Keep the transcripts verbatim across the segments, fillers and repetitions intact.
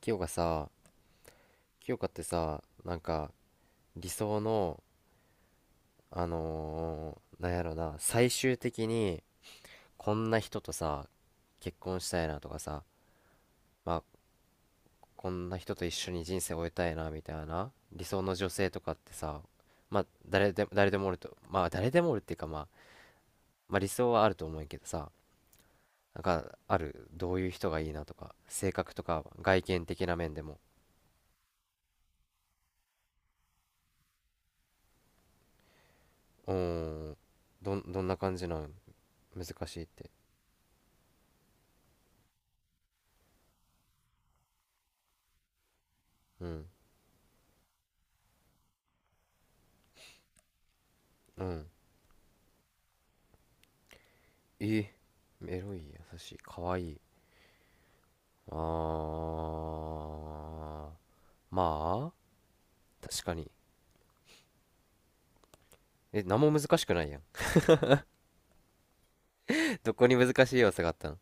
清香さ、清香ってさ、なんか理想の、あのーなんやろな最終的にこんな人とさ結婚したいなとかさ、まあ、こんな人と一緒に人生を終えたいなみたいな理想の女性とかってさ、まあ誰で誰でもおるとまあ誰でもおるっていうか、まあ、まあ理想はあると思うけどさ。なんかある、どういう人がいいなとか性格とか外見的な面でも。うーん。どん、どんな感じなん？難しいって？うん、うん。え、エロい、優しい、可愛いい。あー、まあ確かに。え、何も難しくないやん。 どこに難しい要素があったの？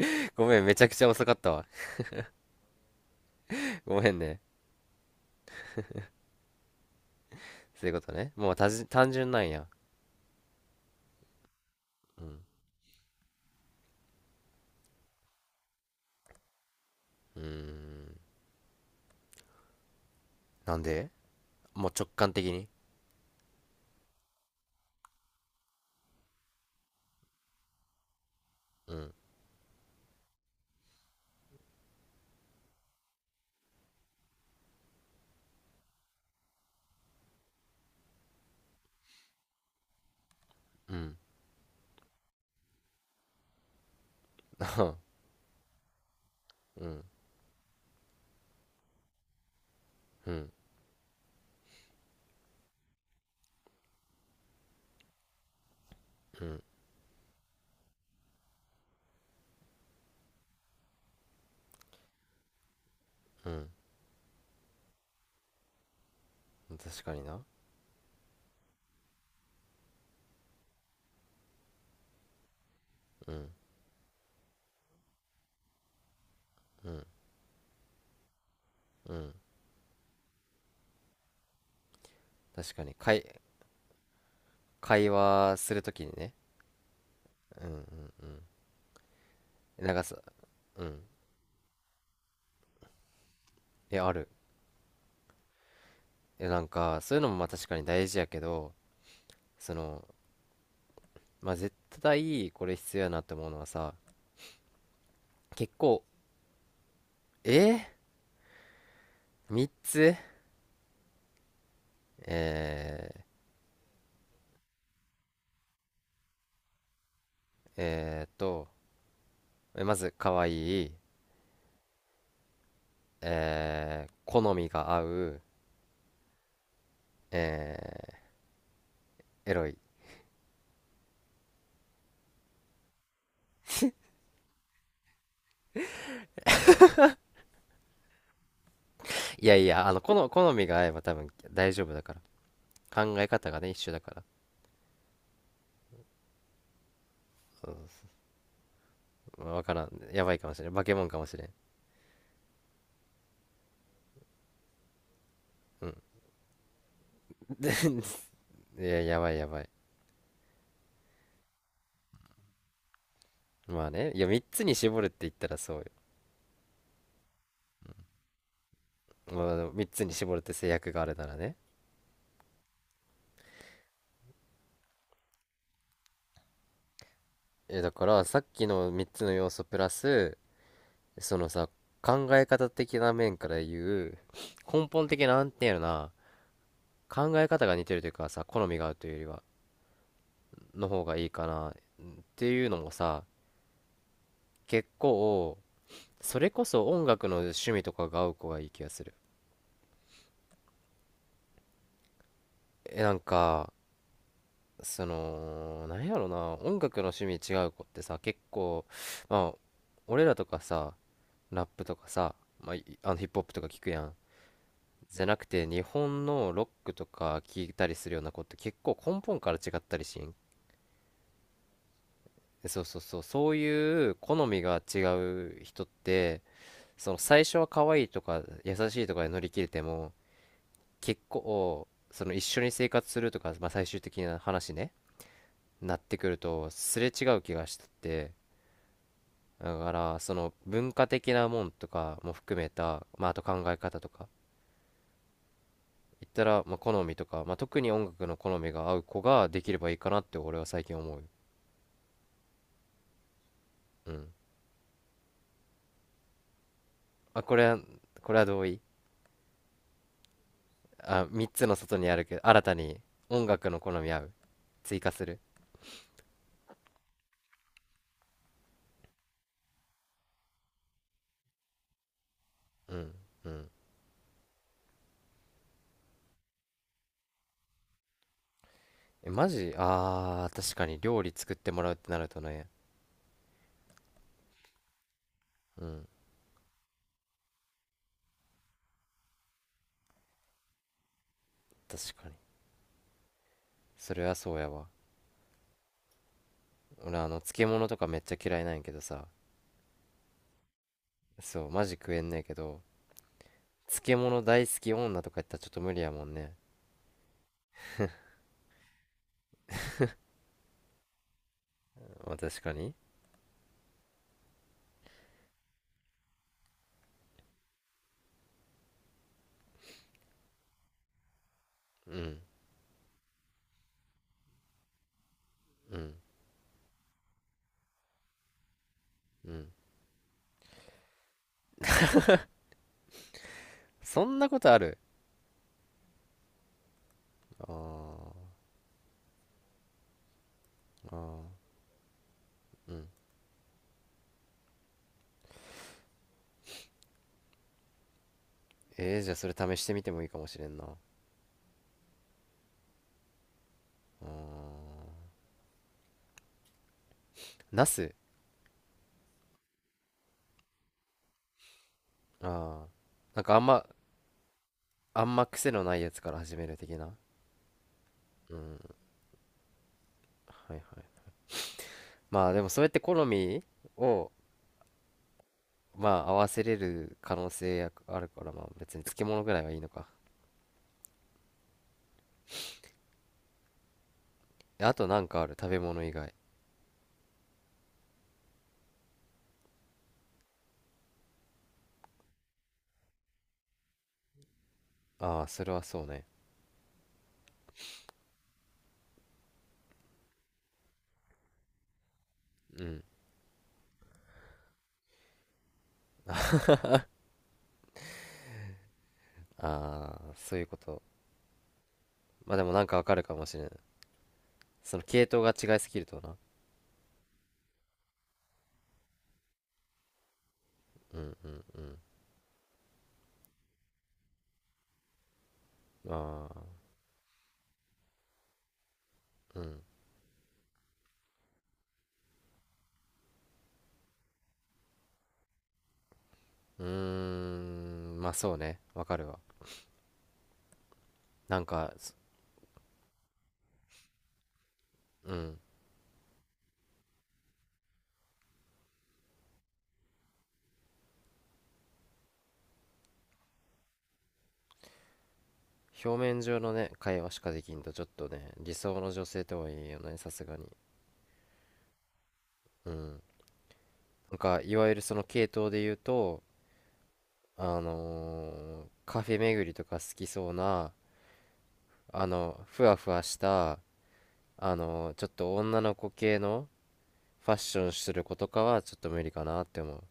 ごめん、めちゃくちゃ遅かったわ。 ごめんね。そういうことね。もう、たじ単純なんや。うん。うーん、なんで？もう直感的に？うん、うん。 うん、うん、うん、うん。確かにな。うん、うん、うん。確かに会、会話するときにね。うん、うん、うん。なんかさ。うん。え、ある。え、なんか、そういうのもまあ確かに大事やけど、その、まあ絶対これ必要やなって思うのはさ、結構。え、 みっ つ？えー、えーっと、えまず、可愛い、えー、好みが合う、えー、エロい。いやいや、あの、この、好みが合えば多分大丈夫だから。考え方がね、一緒だから。まあわからん。やばいかもしれん。化け物かもしれん。うん。いや、やばい、やばい。まあね、いや、みっつに絞るって言ったらそうよ。まあ、みっつに絞るって制約があるならね。えだからさっきのみっつの要素プラス、そのさ、考え方的な面から言う、根本的な、なんていうのかな、考え方が似てるというかさ、好みが合うというよりはの方がいいかなっていうのもさ、結構、それこそ音楽の趣味とかが合う子がいい気がする。えなんか、その、なんやろな、音楽の趣味違う子ってさ、結構、まあ、俺らとかさ、ラップとかさ、まあ、いあのヒップホップとか聞くやん。じゃなくて日本のロックとか聞いたりするような子って結構根本から違ったりしん。そうそうそう、そういう好みが違う人って、その最初は可愛いとか優しいとかで乗り切れても、結構その一緒に生活するとか、まあ、最終的な話ね、なってくるとすれ違う気がしてて、だからその文化的なもんとかも含めた、まあ、あと考え方とか、言ったら、まあ、好みとか、まあ、特に音楽の好みが合う子ができればいいかなって俺は最近思う。うん。あ、これは、これは同意。あ、みっつの外にあるけど、新たに音楽の好み合う。追加する。うん。うん。え、マジあー、確かに料理作ってもらうってなるとね。うん。確かに。それはそうやわ。俺、あの、漬物とかめっちゃ嫌いなんやけどさ。そう、マジ食えんねえけど、漬物大好き女とか言ったらちょっと無理やもんね。まあ、確かに。うん。うん。うん。そんなことある？あー。あー。うん。えー、じゃあそれ試してみてもいいかもしれんな。あー。ナス？ああー、なんかあんまあんま癖のないやつから始める的な。うん。はいはい。まあでもそうやって好みを、まあ、合わせれる可能性やあるから、まあ別に漬物ぐらいはいいのか。あとなんかある、食べ物以外？ああ、それはそうね。うん。ああ、そういうこと。まあでもなんかわかるかもしれん。その系統が違いすぎるとな。うん、うん、うん。ああ、うん。うーん、まあそうね、わかるわ。なんか、すうん。表面上のね、会話しかできんと、ちょっとね、理想の女性とは言えよね、さすがに。うん。なんか、いわゆるその系統で言うと、あのーカフェ巡りとか好きそうな、あの、ふわふわした、あのーちょっと女の子系のファッションする子とかは、ちょっと無理かなって思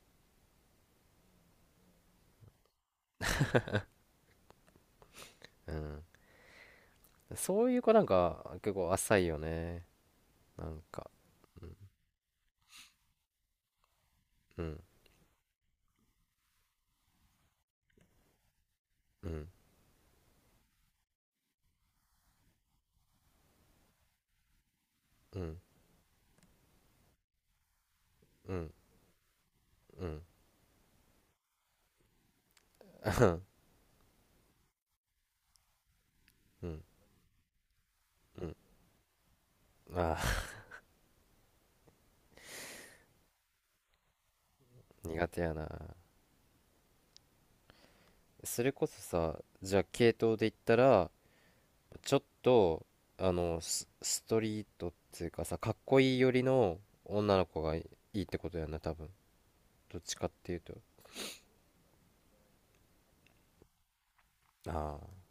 う。うん。そういう子なんか、結構浅いよね。なんか。うん。うん、うん、うん、うん、うん、うん。あー、苦手やな。それこそさ、じゃあ系統で言ったら、ちょっと、あのス、ストリートっていうかさ、かっこいい寄りの女の子がいいってことやな、多分。どっちかっていうと。ああ。